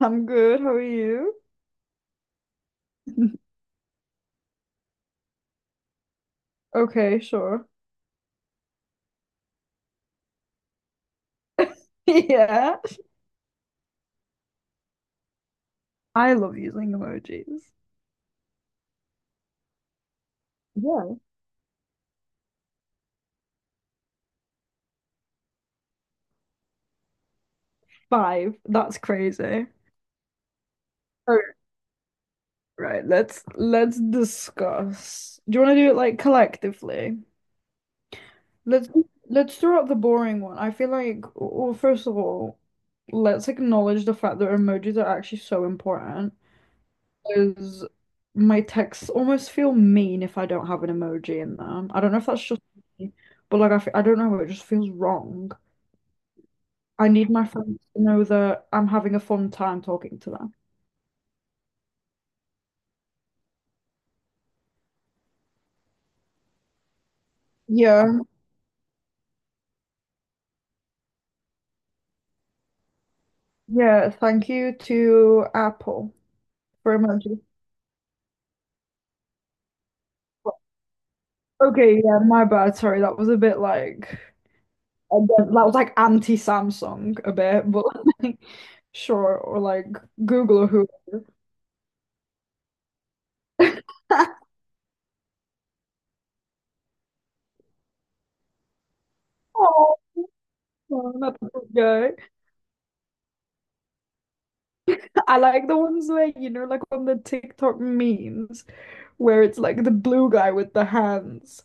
I'm good. How are you? Okay, sure. Yeah. I love using emojis. Yeah. Five. That's crazy. right. let right, let's discuss. Do you want to do it like collectively? Let's let's throw out the boring one. I feel like, well, first of all, let's acknowledge the fact that emojis are actually so important. Because my texts almost feel mean if I don't have an emoji in them. I don't know if that's just me, but like, I don't know, it just feels wrong. I need my friends to know that I'm having a fun time talking to them. Yeah, yeah. Thank you to Apple for emoji. Okay, yeah, my bad. Sorry, that was a bit like and then that was like anti-Samsung a bit, but like, sure, or like Google or who. Oh, no, not the good guy. I like the ones where you know, like on the TikTok memes, where it's like the blue guy with the hands.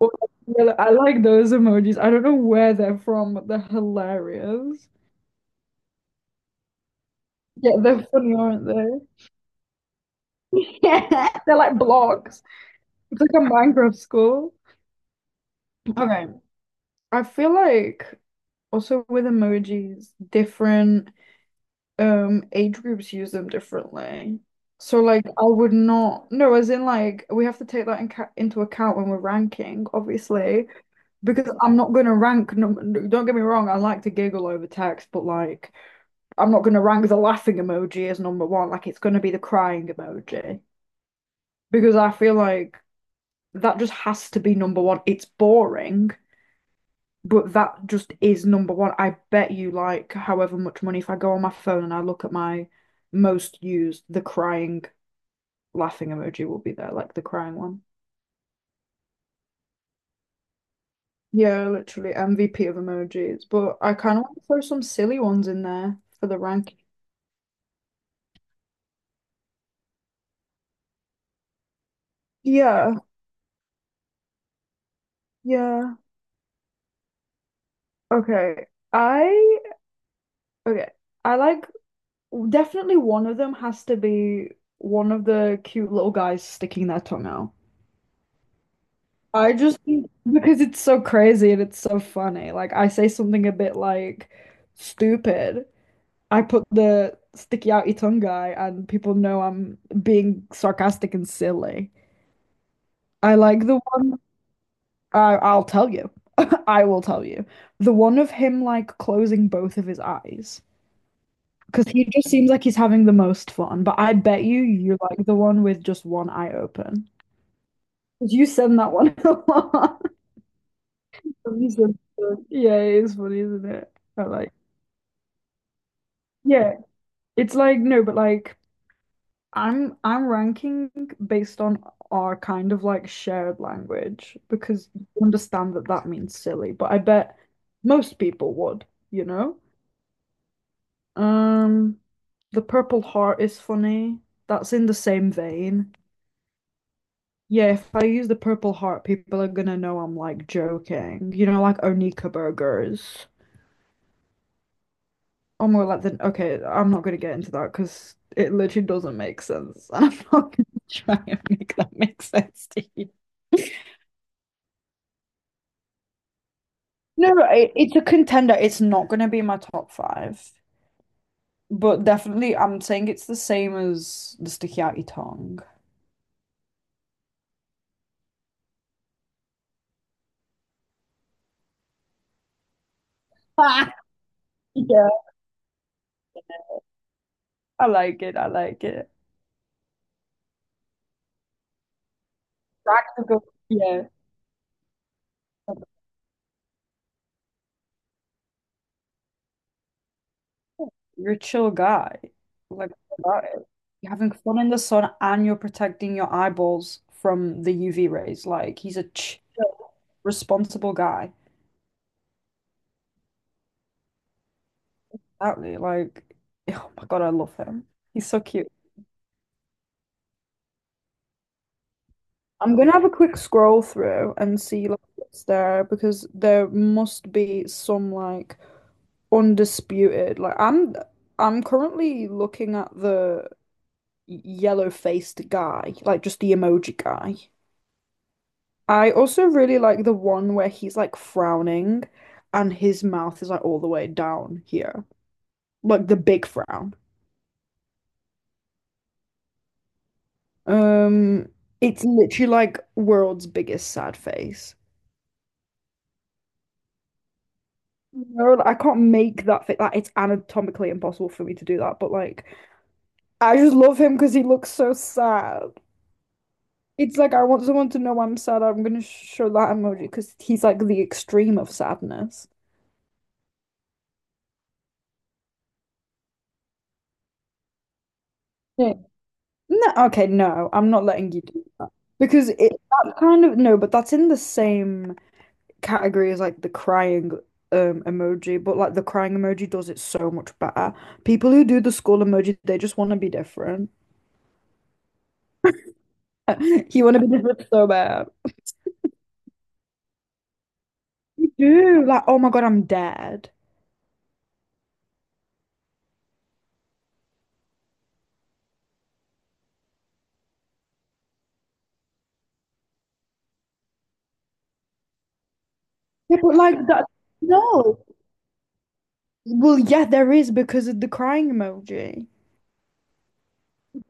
Or like, I like those emojis. I don't know where they're from, but they're hilarious. Yeah, they're funny, aren't they? Yeah. They're like blocks. It's like a Minecraft school. Okay. I feel like also with emojis, different age groups use them differently. So like I would not no, as in like we have to take that in ca into account when we're ranking, obviously. Because I'm not going to no, no, don't get me wrong, I like to giggle over text, but like, I'm not going to rank the laughing emoji as number one. Like, it's going to be the crying emoji. Because I feel like that just has to be number one. It's boring, but that just is number one. I bet you, like, however much money, if I go on my phone and I look at my most used, the crying, laughing emoji will be there, like the crying one. Yeah, literally MVP of emojis. But I kind of want to throw some silly ones in there for the rank. Yeah, yeah. Okay. I okay. I like definitely one of them has to be one of the cute little guys sticking their tongue out. Because it's so crazy and it's so funny. Like I say something a bit like stupid. I put the sticky outy tongue guy and people know I'm being sarcastic and silly. I like the one I'll tell you. I will tell you. The one of him like closing both of his eyes. Because he just seems like he's having the most fun, but I bet you you're like the one with just one eye open. 'Cause you send that one a lot. You send that. Yeah, it is funny, isn't it? I like, yeah, it's like no, but like I'm ranking based on our kind of like shared language because you understand that that means silly, but I bet most people would, you know? Um, the Purple Heart is funny. That's in the same vein. Yeah, if I use the purple heart, people are gonna know I'm like joking. You know, like Onika burgers. Or more like the okay, I'm not gonna get into that because it literally doesn't make sense. And I'm not gonna try and make that make sense to you. No, it's a contender. It's not going to be my top five, but definitely I'm saying it's the same as the sukiyaki tongue. Yeah, I like it. I like it. Practical. Yeah. You're a chill guy. Like, what about it? You're having fun in the sun and you're protecting your eyeballs from the UV rays. Like, he's a chill, responsible guy. Exactly. Like, oh my God, I love him. He's so cute. I'm gonna have a quick scroll through and see like what's there because there must be some like undisputed. Like, I'm currently looking at the yellow-faced guy, like just the emoji guy. I also really like the one where he's like frowning and his mouth is like all the way down here. Like the big frown. Um, it's literally like world's biggest sad face. No, like, I can't make that fit. Like it's anatomically impossible for me to do that, but like I just love him because he looks so sad. It's like I want someone to know I'm sad. I'm gonna show that emoji because he's like the extreme of sadness. Yeah. No, okay, no, I'm not letting you do that. Because it that kind of No, but that's in the same category as like the crying emoji, but like the crying emoji does it so much better. People who do the skull emoji, they just want to be different. You want to be different so bad. You do, like, oh my God, I'm dead. Yeah, but like that, no. Well, yeah, there is because of the crying emoji.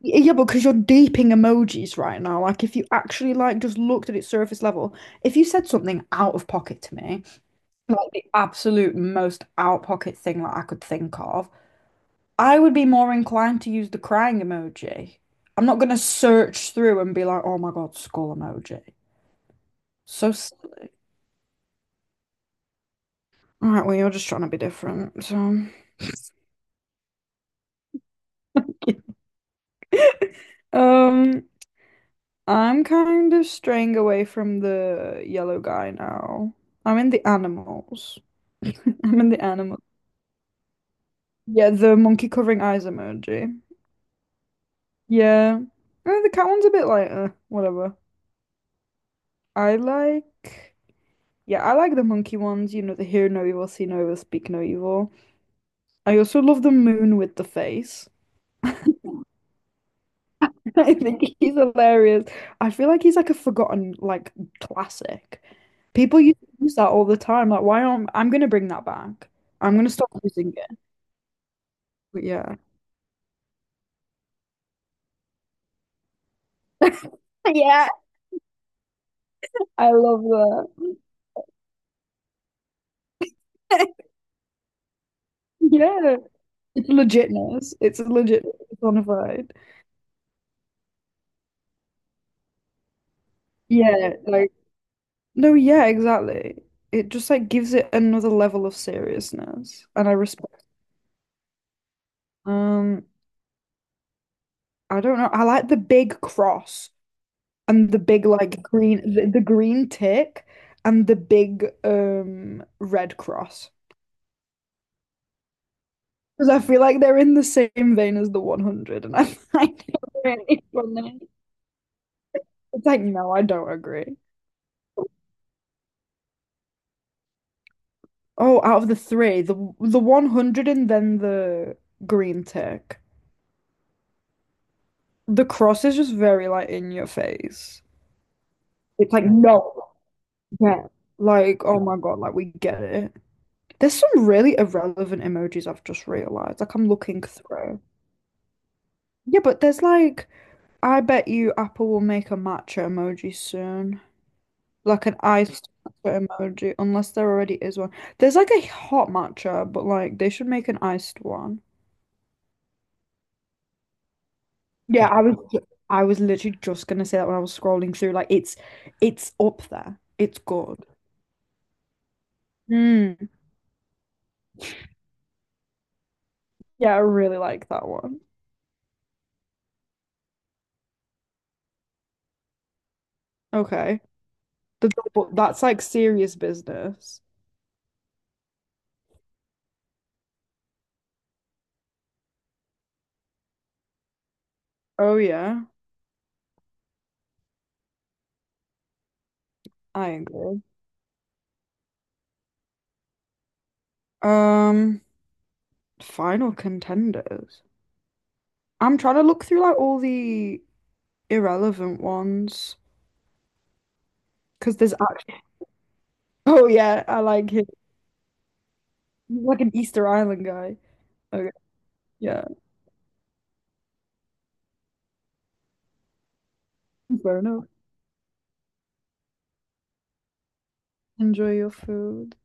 Yeah, because you're deeping emojis right now. Like, if you actually like just looked at its surface level, if you said something out of pocket to me, like the absolute most out pocket thing that I could think of, I would be more inclined to use the crying emoji. I'm not gonna search through and be like, oh my God, skull emoji. So, s- all right, well, you're just trying to be different. So, um, I'm kind of straying away from the yellow guy now. I'm in the animals. I'm in the animal. Yeah, the monkey covering eyes emoji. Yeah. The cat one's a bit like, whatever. I like, yeah, I like the monkey ones, you know, the hear no evil, see no evil, speak no evil. I also love the moon with the face. I think he's hilarious. I feel like he's like a forgotten like classic. People used to use that all the time. Like, why aren't I'm gonna bring that back. I'm gonna stop using it. But yeah. Yeah, I love that. Yeah. It's legitness. It's legit. It's bona fide. Yeah, like no, yeah, exactly. It just like gives it another level of seriousness. And I respect um I don't know. I like the big cross, and the big like the green tick and the big red cross because I feel like they're in the same vein as the 100, and I find it really It's like no, I don't agree. Oh, out of the three, the 100 and then the green tick. The cross is just very like in your face. It's like no, yeah. Like oh my god, like we get it. There's some really irrelevant emojis I've just realized. Like I'm looking through. Yeah, but there's like, I bet you Apple will make a matcha emoji soon. Like an iced matcha emoji, unless there already is one. There's like a hot matcha, but like they should make an iced one. I was literally just gonna say that when I was scrolling through. Like it's up there. It's good. Mm. Yeah, I really like that one. Okay. The double, that's like serious business. Oh yeah, I agree. Um, final contenders. I'm trying to look through like all the irrelevant ones because there's actually. Oh yeah, I like him. He's like an Easter Island guy. Okay, yeah, fair enough. Enjoy your food.